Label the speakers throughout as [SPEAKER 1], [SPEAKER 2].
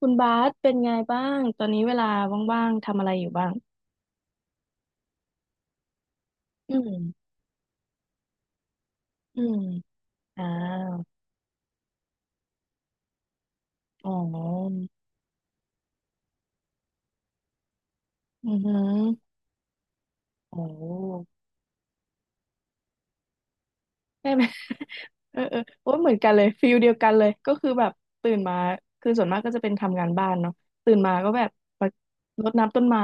[SPEAKER 1] คุณบาสเป็นไงบ้าง ตอนนี้เวลาว่างๆทำอะไรอยู่บ้างอืมอืมอ่าอ๋ออือหือโอ้ได้ไหม เออเออโอ้ยเหมือนกันเลยฟิลเดียวกันเลยก็คือแบบตื่นมาคือส่วนมากก็จะเป็นทำงานบ้านเนาะตื่นมาก็แบบมารดน้ำต้นไม้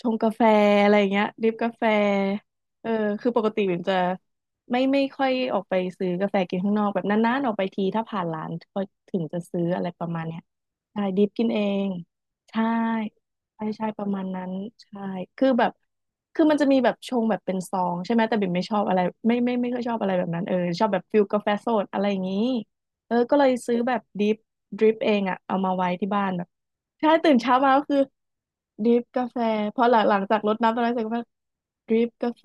[SPEAKER 1] ชงกาแฟอะไรอย่างเงี้ยดริปกาแฟเออคือปกติบิ่มจะไม่ค่อยออกไปซื้อกาแฟกินข้างนอกแบบนานๆออกไปทีถ้าผ่านร้านก็ถึงจะซื้ออะไรประมาณเนี้ยใช่ดริปกินเองใช่ใช่ใช่ประมาณนั้นใช่คือแบบ คือมันจะมีแบบชงแบบเป็นซองใช่ไหมแต่บิ่มไม่ชอบอะไรไม่ค่อยชอบอะไรแบบนั้นเออชอบแบบฟิลกาแฟสดอะไรอย่างนี้เออก็เลยซื้อแบบดริปดริปเองอะเอามาไว้ที่บ้านแบบใช่ตื่นเช้ามาก็คือดริปกาแฟพอหลังจากรดน้ำต้นไม้เสร็จก็มาดริปกาแฟ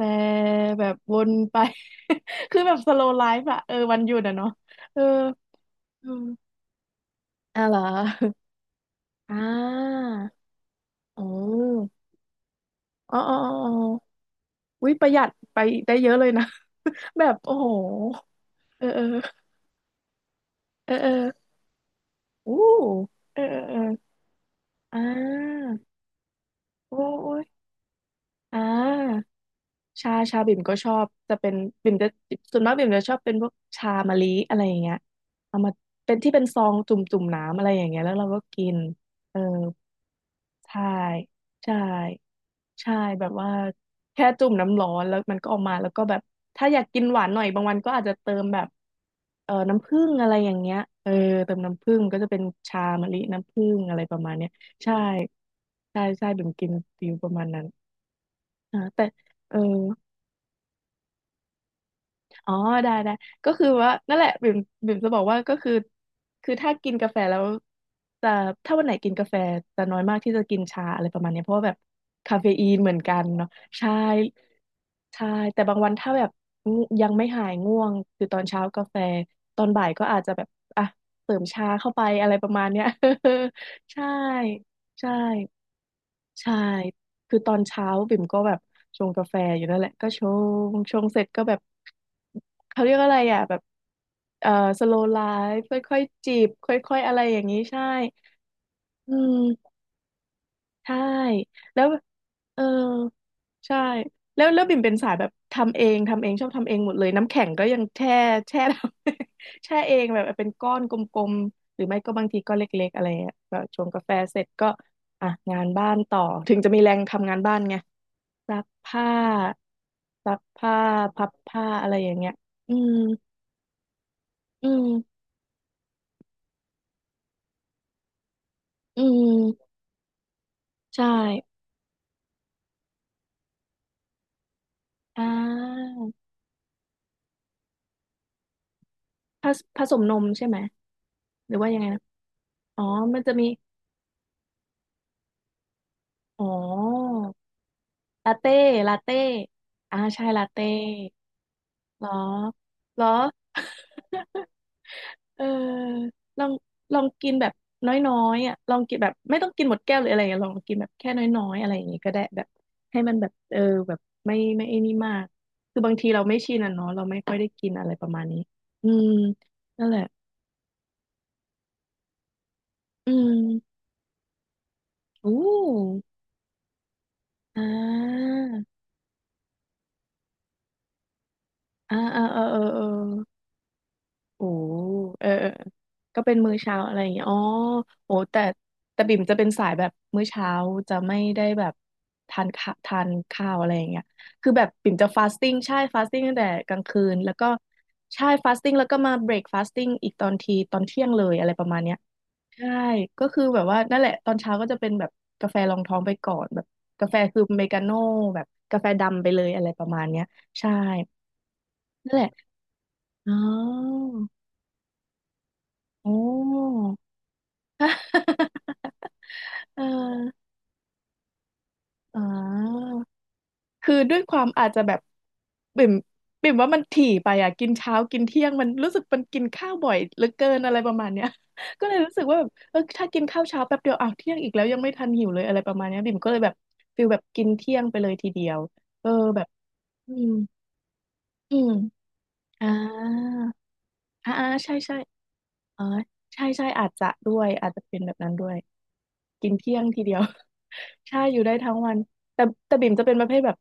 [SPEAKER 1] แบบวนไป คือแบบสโลไลฟ์อะเออวันหยุดอะเนาะเอออืมอ่ะเหรออ่าอ๋ออ๋ออ๋ออ๋อ วิประหยัดไปได้เยอะเลยนะ แบบโอ้โหเออเออเออเอออู้เออเออเอออ่าโอ้โอ้ยอ่าชาชาบิ่มก็ชอบจะเป็นบิ่มจะส่วนมากบิ่มจะชอบเป็นพวกชามะลิอะไรอย่างเงี้ยเอามาเป็นที่เป็นซองจุ่มจุ่มน้ำอะไรอย่างเงี้ยแล้วเราก็กินเออใช่ใช่ ใช่แบบว่าแค่จุ่มน้ำร้อนแล้วมันก็ออกมาแล้วก็แบบถ้าอยากกินหวานหน่อยบางวันก็อาจจะเติมแบบน้ำผึ้งอะไรอย่างเงี้ยเออเติมน้ำผึ้งก็จะเป็นชามะลิน้ำผึ้งอะไรประมาณเนี้ยใช่ใช่ใช่บิ่มกินฟิลประมาณนั้นอ่าแต่เอออ๋อได้ได้ก็คือว่านั่นแหละบิ่มบิ่มจะบอกว่าก็คือคือถ้ากินกาแฟแล้วจะถ้าวันไหนกินกาแฟจะน้อยมากที่จะกินชาอะไรประมาณเนี้ยเพราะว่าแบบคาเฟอีนเหมือนกันเนาะใช่ ใช่แต่บางวันถ้าแบบง่วงยังไม่หายง่วงคือตอนเช้ากาแฟตอนบ่ายก็อาจจะแบบอ่ะเสริมชาเข้าไปอะไรประมาณเนี้ย ใช่ใช่ใช่คือตอนเช้าบิ่มก็แบบชงกาแฟอยู่นั่นแหละก็ชชงเสร็จก็แบบเขาเรียกอะไรอ่ะแบบเอ่อสโลไลฟ์ค่อยๆจิบค่อยๆอะไรอย่างนี้ใช่อืมใช่แล้วเออ ใช่แล้วแล้วบิ่มเป็นสายแบบทำเองทำเองชอบทำเองหมดเลยน้ำแข็งก็ยังแช่ แช่ทำ แช่เองแบบเป็นก้อนกลมๆหรือไม่ก็บางทีก็เล็กๆอะไรเงี้ยก็ชงกาแฟเสร็จก็อ่ะงานบ้านต่อถึงจะมีแรงทำงานบ้านไงซักผ้าซักผ้าพับผ้าอะไรอย่างเงี้ยอืมอืมอืมใช่อ่าผสมนมใช่ไหมหรือว่ายังไงนะอ๋อมันจะมีอ๋อ ลาเต้ลาเต้อ่าใช่ลาเต้เหรอเหรอ เออลองลองกินแบบน้อยๆอ่ะลองกินแบบไม่ต้องกินหมดแก้วหรืออะไรอย่างเงี้ยลองกินแบบแค่น้อยๆอะไรอย่างงี้ก็ได้แบบให้มันแบบเออแบบไม่ไอ้นี่มาก คือบางทีเราไม่ชินอ่ะเนาะเราไม่ค่อยได้กินอะไรประมาณนี้อืมนั่นแหละอืมอู้อ่าอ่าอ่าเออเออเออ โอ้เออเออก็เป็นมื้อเช้าอะไรอย่างเงี้ยอ๋อโอ้แต่แต่บิ่มจะเป็นสายแบบมื้อเช้าจะไม่ได้แบบทานข้าวอะไรอย่างเงี้ยคือแบบบิ่มจะฟาสติ้งใช่ฟาสติ้งตั้งแต่กลางคืนแล้วก็ใช่ฟาสติ้งแล้วก็มาเบรกฟาสติ้งอีกตอนเที่ยงเลยอะไรประมาณเนี้ยใช่ก็คือแบบว่านั่นแหละตอนเช้าก็จะเป็นแบบกาแฟรองท้องไปก่อนแบบกาแฟคือเมกาโน่แบบกาแฟดำไปเลยอะไรประมาณเนี้ยใช่นั่นแหละอ๋อโอ้ เอออ๋อคือด้วยความอาจจะแบบบิ่มบิ่มว่ามันถี่ไปอ่ะกินเช้ากินเที่ยงมันรู้สึกมันกินข้าวบ่อยเหลือเกินอะไรประมาณเนี้ย ก็เลยรู้สึกว่าแบบเออถ้ากินข้าวเช้าแป๊บเดียวอ้าวเที่ยงอีกแล้วยังไม่ทันหิวเลยอะไรประมาณเนี้ยบิ่มก็เลยแบบฟิลแบบกินเที่ยงไปเลยทีเดียวเออแบบอืมอืมอ่าอ่าอ่าใช่ใช่อ๋อใช่ใช่อาจจะด้วยอาจจะเป็นแบบนั้นด้วย กินเที่ยงทีเดียว ใช่อยู่ได้ทั้งวันแต่แต่บิ่มจะเป็นประเภทแบบ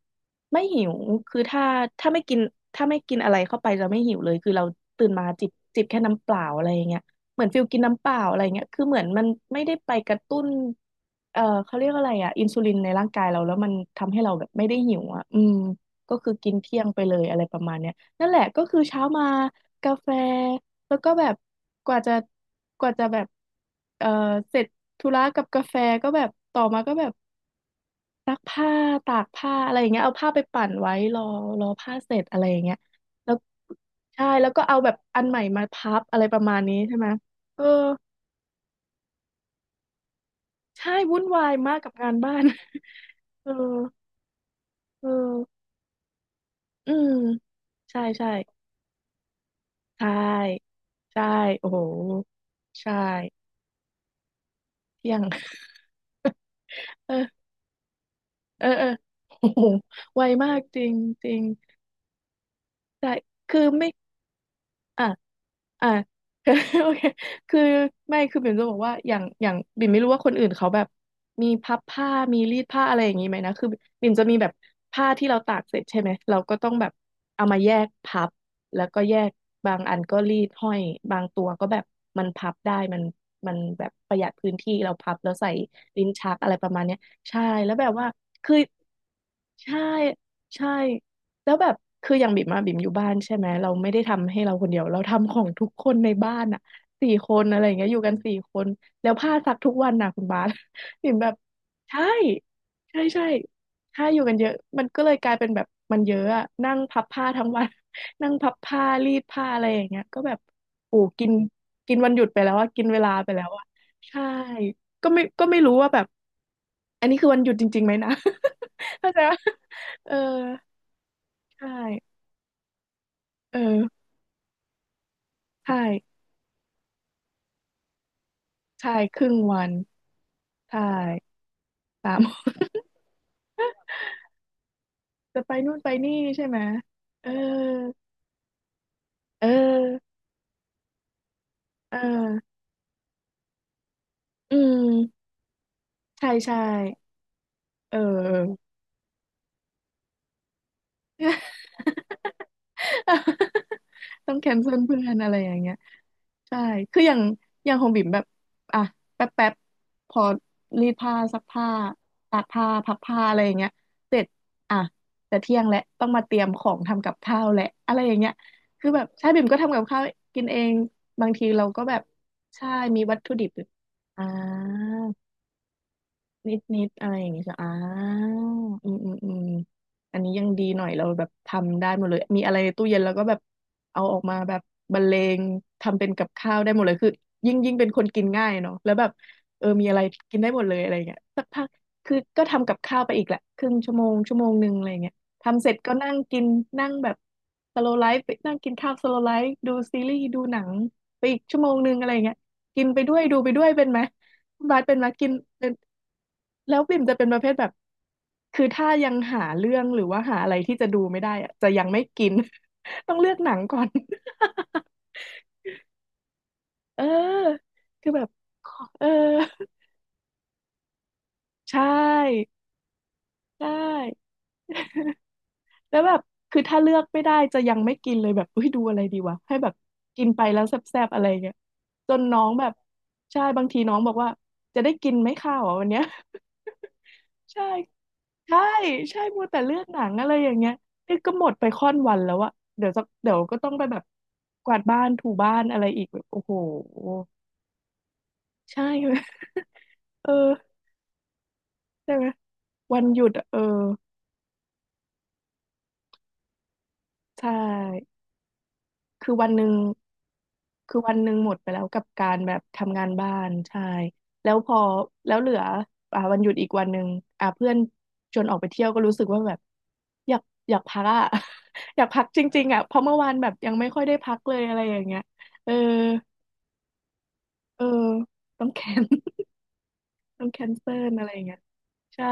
[SPEAKER 1] ไม่หิวคือถ้า ถ้าไม่กินถ้าไม่กินอะไรเข้าไปจะไม่หิวเลยคือเราตื่นมาจิบแค่น้ำเปล่าอะไรอย่างเงี้ยเหมือนฟิลกินน้ำเปล่าอะไรเงี้ยคือเหมือนมันไม่ได้ไปกระตุ้นเขาเรียกอะไรอ่ะอินซูลินในร่างกายเราแล้วมันทำให้เราแบบไม่ได้หิวอ่ะอืมก็คือกินเที่ยงไปเลยอะไรประมาณเนี้ยนั่นแหละก็คือเช้ามากาแฟ แล้วก็แบบกว่าจะกว่าจะแบบเออเสร็จธุระกับกาแฟก็แบบต่อมาก็แบบซักผ้าตากผ้าอะไรอย่างเงี้ยเอาผ้าไปปั่นไว้รอรอผ้าเสร็จอะไรอย่างเงี้ยแล้วใช่แล้วก็เอาแบบอันใหม่มาพับอะไรประมาณนี้ใช่ไหมเออใช่วุ่นวายมากกับงานบ้าน เออเอออืมใช่ใช่ใช่ใช่โอ้โหใช่เที่ยง เออ เออเออ โอ้โหไวมากจริงจริง แต่คือไม่ อ่ะ อ่า โอเคคือไม่คือบิ่มจะบอกว่าอย่างบิ่มไม่รู้ว่าคนอื่นเขาแบบมีพับผ้ามีรีดผ้าอะไรอย่างนี้ไหมนะคือบิ่มจะมีแบบผ้าที่เราตากเสร็จใช่ไหมเราก็ต้องแบบเอามาแยกพับแล้วก็แยกบางอันก็รีดห้อยบางตัวก็แบบมันพับได้มันแบบประหยัดพื้นที่เราพับแล้วใส่ลิ้นชักอะไรประมาณเนี้ยใช่แล้วแบบว่าคือใช่ใช่ แล้วแบบคืออย่างบิ่มอะบิ่มอยู่บ้านใช่ไหมเราไม่ได้ทำให้เราคนเดียวเราทำของทุกคนในบ้านอะสี่คนอะไรอย่างเงี้ยอยู่กันสี่คนแล้วผ้าซักทุกวันนะคุณบาส บิ่มแบบใช่ใช่ใช่ใช่อยู่กันเยอะมันก็เลยกลายเป็นแบบมันเยอะอะนั่งพับผ้าทั้งวัน นั่งพับผ้ารีดผ้าอะไรอย่างเงี้ยก็แบบโอ้กินกินวันหยุดไปแล้วอะกินเวลาไปแล้วอะใช่ก็ไม่ก็ไม่รู้ว่าแบบอันนี้คือวันหยุดจริงๆไหมนะ เข้าใจว่าเออใช่ เออใช่ใช่ครึ่งวันใช่สาม จะไปนู่นไปนี่ใช่ไหมเออเออเอออืมใช่ใช่เออ ต้องแคนเซิลเพื่อนอะไรอย่างเงี้ย ใช่ คืออย่างของบิ่มแบบอ่ะแป๊บแป๊บพอรีดผ้าซักผ้าตากผ้าพับผ้าอะไรอย่างเงี้ยเสร็จอ่ะแต่เที่ยงแล้วต้องมาเตรียมของทำกับข้าวแหละอะไรอย่างเงี้ยคือแบบใช่บิ่มก็ทำกับข้าวกินเองบางทีเราก็แบบใช่มีวัตถุดิบอยู่อ่า นิดนิดอะไรอย่างงี้ใช่อ่าอืมอืมอืมอันนี้ยังดีหน่อยเราแบบทำได้หมดเลยมีอะไรในตู้เย็นแล้วก็แบบเอาออกมาแบบบรรเลงทำเป็นกับข้าวได้หมดเลยคือยิ่งเป็นคนกินง่ายเนาะแล้วแบบเออมีอะไรกินได้หมดเลยอะไรเงี้ยสักพักคือก็ทำกับข้าวไปอีกแหละครึ่งชั่วโมงชั่วโมงหนึ่งอะไรเงี้ยทำเสร็จก็นั่งกินนั่งแบบสโลไลฟ์ไปนั่งกินข้าวสโลไลฟ์ดูซีรีส์ดูหนังไปอีกชั่วโมงหนึ่งอะไรเงี้ยกินไปด้วยดูไปด้วยเป็นไหม คุณบาสเป็นมากินเป็นแล้วบิ่มจะเป็นประเภทแบบคือถ้ายังหาเรื่องหรือว่าหาอะไรที่จะดูไม่ได้อะจะยังไม่กิน ต้องเลือกหนังก่อน เออคือแบบขอเออใช่ใช่แล้วแบบคือถ้าเลือกไม่ได้จะยังไม่กินเลยแบบเฮ้ยดูอะไรดีวะให้แบบกินไปแล้วแซ่บๆอะไรเงี้ยจนน้องแบบใช่บางทีน้องบอกว่าจะได้กินไหมข้าวอ่ะวันเนี้ย ใช่ ใช่ใช่มัวแต่เลือกหนังอะไรอย่างเงี้ยนี่ก็หมดไปค่อนวันแล้วอะเดี๋ยวจะเดี๋ยวก็ต้องไปแบบกวาดบ้านถูบ้านอะไรอีกแบบโอ้โหใช่ เออใช่ไหมวันหยุดอะเออใช่คือวันหนึ่ง คือวันหนึ่งหมดไปแล้วกับการแบบทำงานบ้านใช่แล้วพอแล้วเหลืออ่าวันหยุดอีกวันหนึ่งอ่าเพื่อนชวนออกไปเที่ยวก็รู้สึกว่าแบบอยากพักอ่ะ อยากพักจริงๆอ่ะเพราะเมื่อวานแบบยังไม่ค่อยได้พักเลยอะไรอย่างเงี้ยเออเออต้องแคน ต้องแคนเซิลอะไรอย่างเงี้ยใช่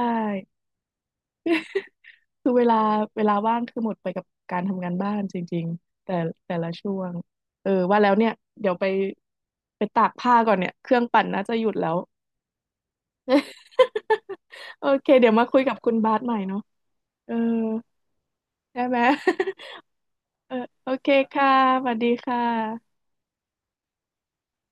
[SPEAKER 1] คือเวลาว่างคือหมดไปกับการทำงานบ้านจริงๆแต่แต่ละช่วงเออว่าแล้วเนี่ยเดี๋ยวไปไปตากผ้าก่อนเนี่ยเครื่องปั่นน่าจะหยุดแล้ว โอเคเดี๋ยวมาคุยกับคุณบาสใหม่เนาะเออได้ไหม เออโอเคค่ะสวัสดีค่ะ